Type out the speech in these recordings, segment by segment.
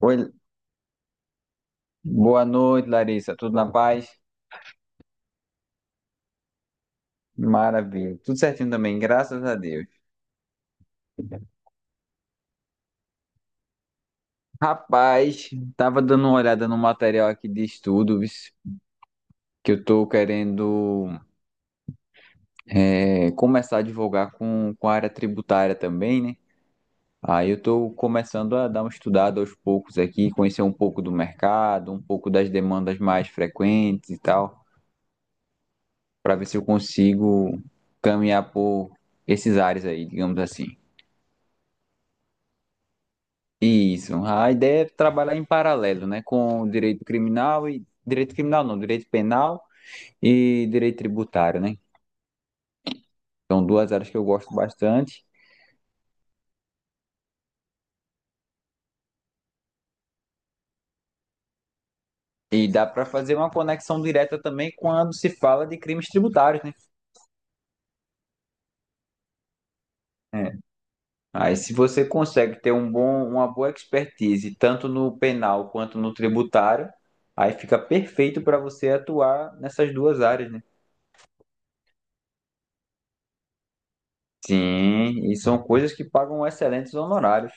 Oi, boa noite, Larissa. Tudo na paz? Maravilha. Tudo certinho também, graças a Deus. Rapaz, tava dando uma olhada no material aqui de estudos que eu tô querendo começar a divulgar com a área tributária também, né? Aí eu tô começando a dar uma estudada aos poucos aqui, conhecer um pouco do mercado, um pouco das demandas mais frequentes e tal, para ver se eu consigo caminhar por esses áreas aí, digamos assim. Isso. A ideia é trabalhar em paralelo, né, com o direito criminal e direito criminal não, direito penal e direito tributário, né? São duas áreas que eu gosto bastante e dá para fazer uma conexão direta também quando se fala de crimes tributários, né? É. Aí, se você consegue ter um bom, uma boa expertise tanto no penal quanto no tributário, aí fica perfeito para você atuar nessas duas áreas, né? Sim, e são coisas que pagam excelentes honorários.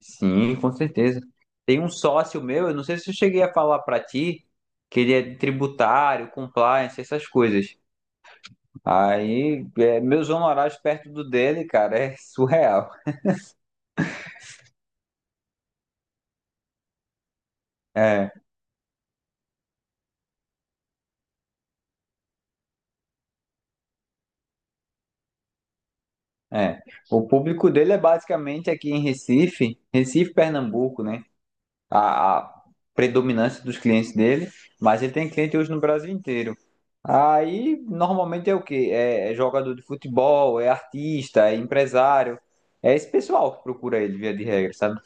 Sim, com certeza. Tem um sócio meu, eu não sei se eu cheguei a falar pra ti, que ele é tributário, compliance, essas coisas. Meus honorários perto do dele, cara, é surreal. É, é. O público dele é basicamente aqui em Recife, Recife, Pernambuco, né? a predominância dos clientes dele, mas ele tem cliente hoje no Brasil inteiro. Aí normalmente é o quê? É, é jogador de futebol, é artista, é empresário. É esse pessoal que procura ele, via de regra, sabe?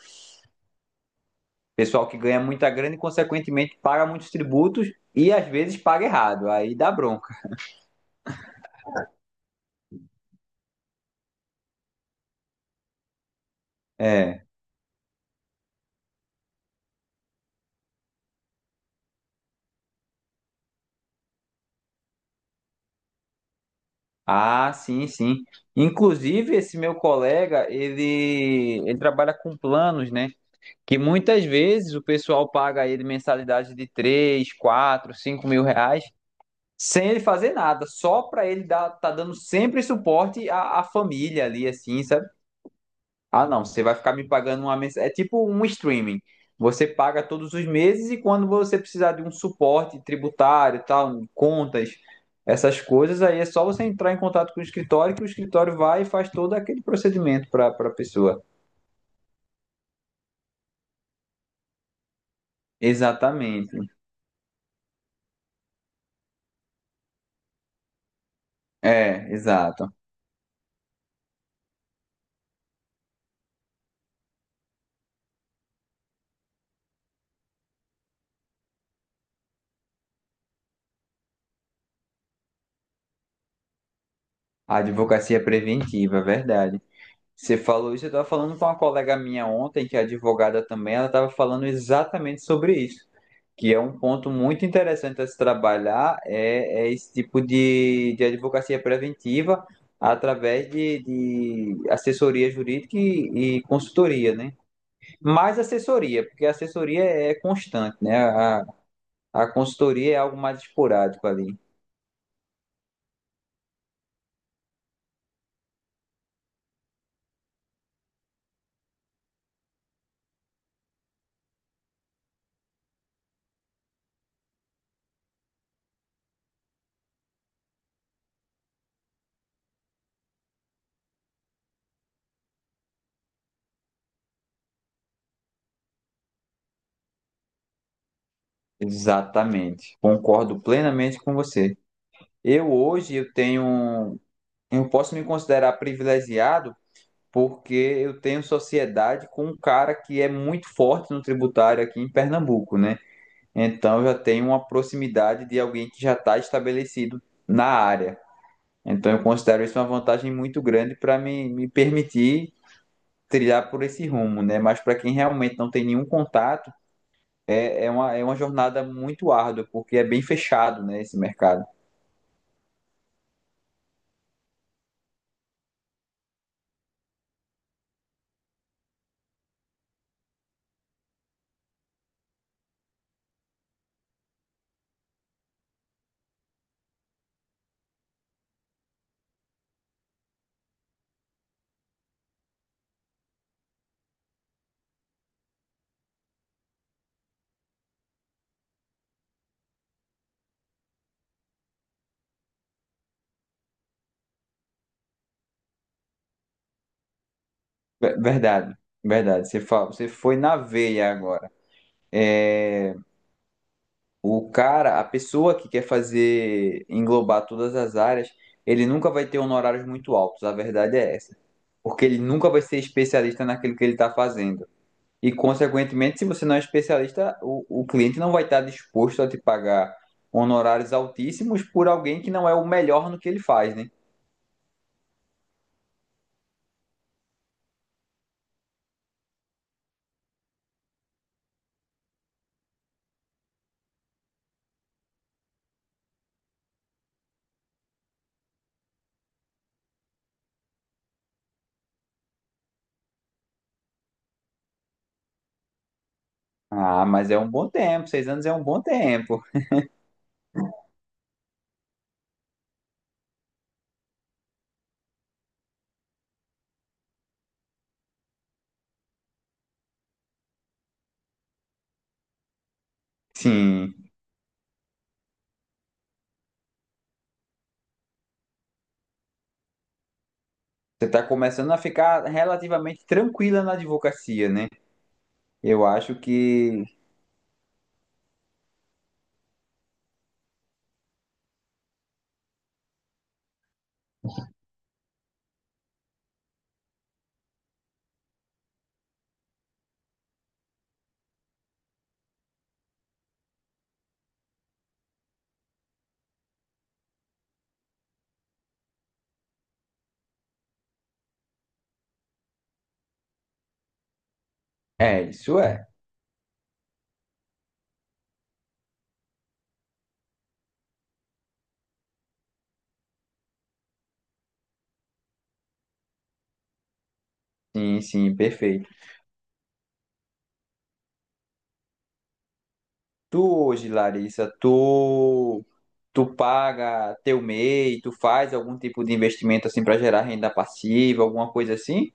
Pessoal que ganha muita grana e, consequentemente, paga muitos tributos e às vezes paga errado. Aí dá bronca. É. Ah, sim, sim. Inclusive, esse meu colega, ele trabalha com planos, né? Que muitas vezes o pessoal paga ele mensalidade de 3, 4, 5 mil reais, sem ele fazer nada, só para ele dar, tá dando sempre suporte à família ali, assim, sabe? Ah, não, você vai ficar me pagando uma mensalidade. É tipo um streaming. Você paga todos os meses e quando você precisar de um suporte tributário, tal, um contas, essas coisas, aí é só você entrar em contato com o escritório que o escritório vai e faz todo aquele procedimento para a pessoa. Exatamente. É, exato. A advocacia preventiva, verdade. Você falou isso, eu estava falando com uma colega minha ontem, que é advogada também, ela estava falando exatamente sobre isso, que é um ponto muito interessante a se trabalhar, é esse tipo de advocacia preventiva através de assessoria jurídica e consultoria, né? Mais assessoria, porque a assessoria é constante, né? A consultoria é algo mais esporádico ali. Exatamente. Concordo plenamente com você. Eu hoje eu tenho, eu posso me considerar privilegiado porque eu tenho sociedade com um cara que é muito forte no tributário aqui em Pernambuco, né? Então eu já tenho uma proximidade de alguém que já está estabelecido na área. Então eu considero isso uma vantagem muito grande para me permitir trilhar por esse rumo, né? Mas para quem realmente não tem nenhum contato, é uma jornada muito árdua, porque é bem fechado, né, esse mercado. Ver- Verdade, verdade. Você foi na veia agora. é O cara, a pessoa que quer fazer englobar todas as áreas, ele nunca vai ter honorários muito altos, a verdade é essa. Porque ele nunca vai ser especialista naquilo que ele está fazendo. E, consequentemente, se você não é especialista, o cliente não vai estar disposto a te pagar honorários altíssimos por alguém que não é o melhor no que ele faz, né? Ah, mas é um bom tempo, 6 anos é um bom tempo. Sim. Você está começando a ficar relativamente tranquila na advocacia, né? Eu acho que isso é. Sim, sim, perfeito. Tu hoje, Larissa, tu paga teu MEI, tu faz algum tipo de investimento assim para gerar renda passiva, alguma coisa assim?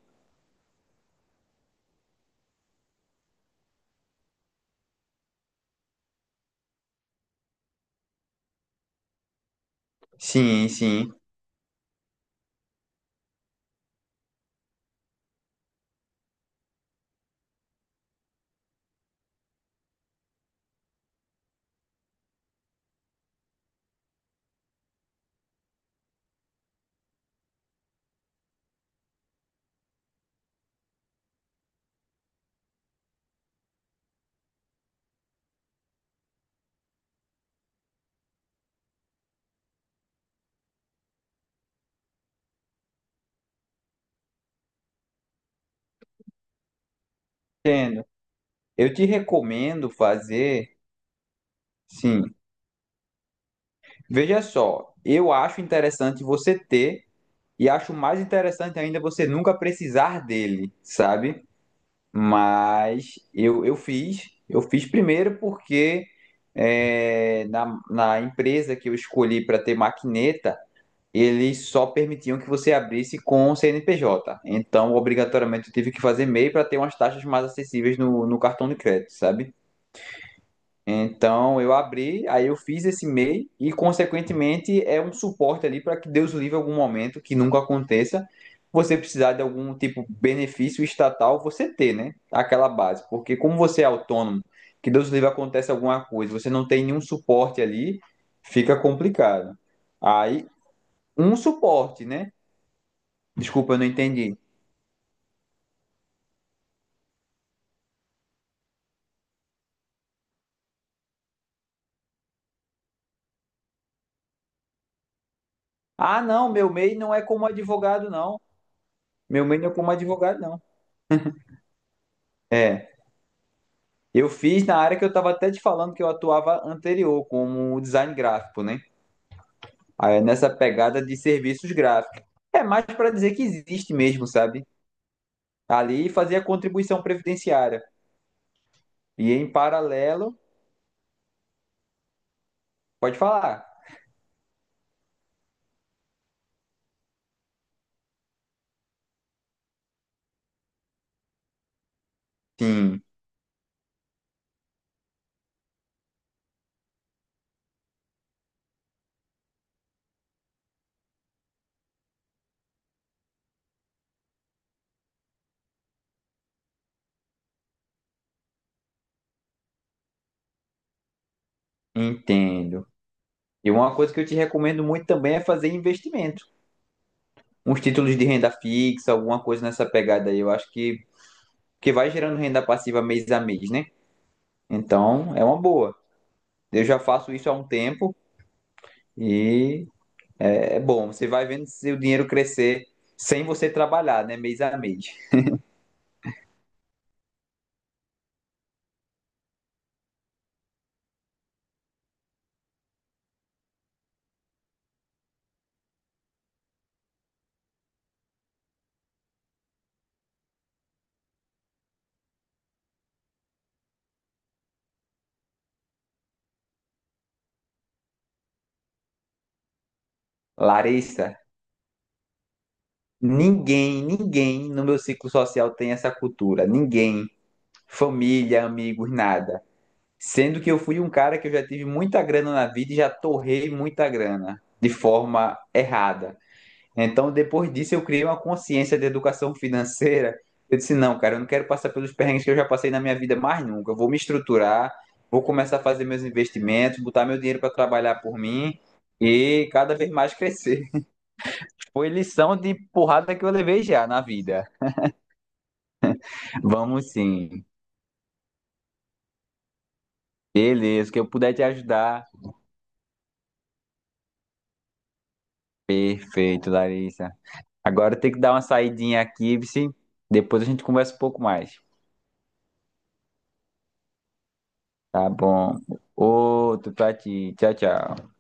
Sim, sim, entendo. Eu te recomendo fazer, sim. Veja só, eu acho interessante você ter e acho mais interessante ainda você nunca precisar dele, sabe? Mas eu fiz primeiro porque na empresa que eu escolhi para ter maquineta, eles só permitiam que você abrisse com CNPJ. Então, obrigatoriamente, eu tive que fazer MEI para ter umas taxas mais acessíveis no cartão de crédito, sabe? Então eu abri, aí eu fiz esse MEI e, consequentemente, é um suporte ali para que Deus livre algum momento que nunca aconteça. Você precisar de algum tipo de benefício estatal, você ter, né? Aquela base. Porque como você é autônomo, que Deus livre acontece alguma coisa, você não tem nenhum suporte ali, fica complicado. Aí, um suporte, né? Desculpa, eu não entendi. Ah, não, meu MEI não é como advogado, não. Meu MEI não é como advogado, não. É. Eu fiz na área que eu estava até te falando que eu atuava anterior, como design gráfico, né? Aí, nessa pegada de serviços gráficos. É mais para dizer que existe mesmo, sabe? Ali fazia contribuição previdenciária. E em paralelo, pode falar. Sim, entendo. E uma coisa que eu te recomendo muito também é fazer investimento. Uns títulos de renda fixa, alguma coisa nessa pegada aí. Eu acho que vai gerando renda passiva mês a mês, né? Então, é uma boa. Eu já faço isso há um tempo. E É bom, você vai vendo seu dinheiro crescer sem você trabalhar, né? Mês a mês. Larissa, ninguém no meu ciclo social tem essa cultura. Ninguém. Família, amigos, nada. Sendo que eu fui um cara que eu já tive muita grana na vida e já torrei muita grana de forma errada. Então, depois disso, eu criei uma consciência de educação financeira. Eu disse, não, cara, eu não quero passar pelos perrengues que eu já passei na minha vida mais nunca. Eu vou me estruturar, vou começar a fazer meus investimentos, botar meu dinheiro para trabalhar por mim e cada vez mais crescer. Foi lição de porrada que eu levei já na vida. Vamos sim. Beleza, o que eu puder te ajudar. Perfeito, Larissa. Agora eu tenho que dar uma saidinha aqui, vice. Depois a gente conversa um pouco mais. Tá bom. Outro pra ti. Tchau, tchau.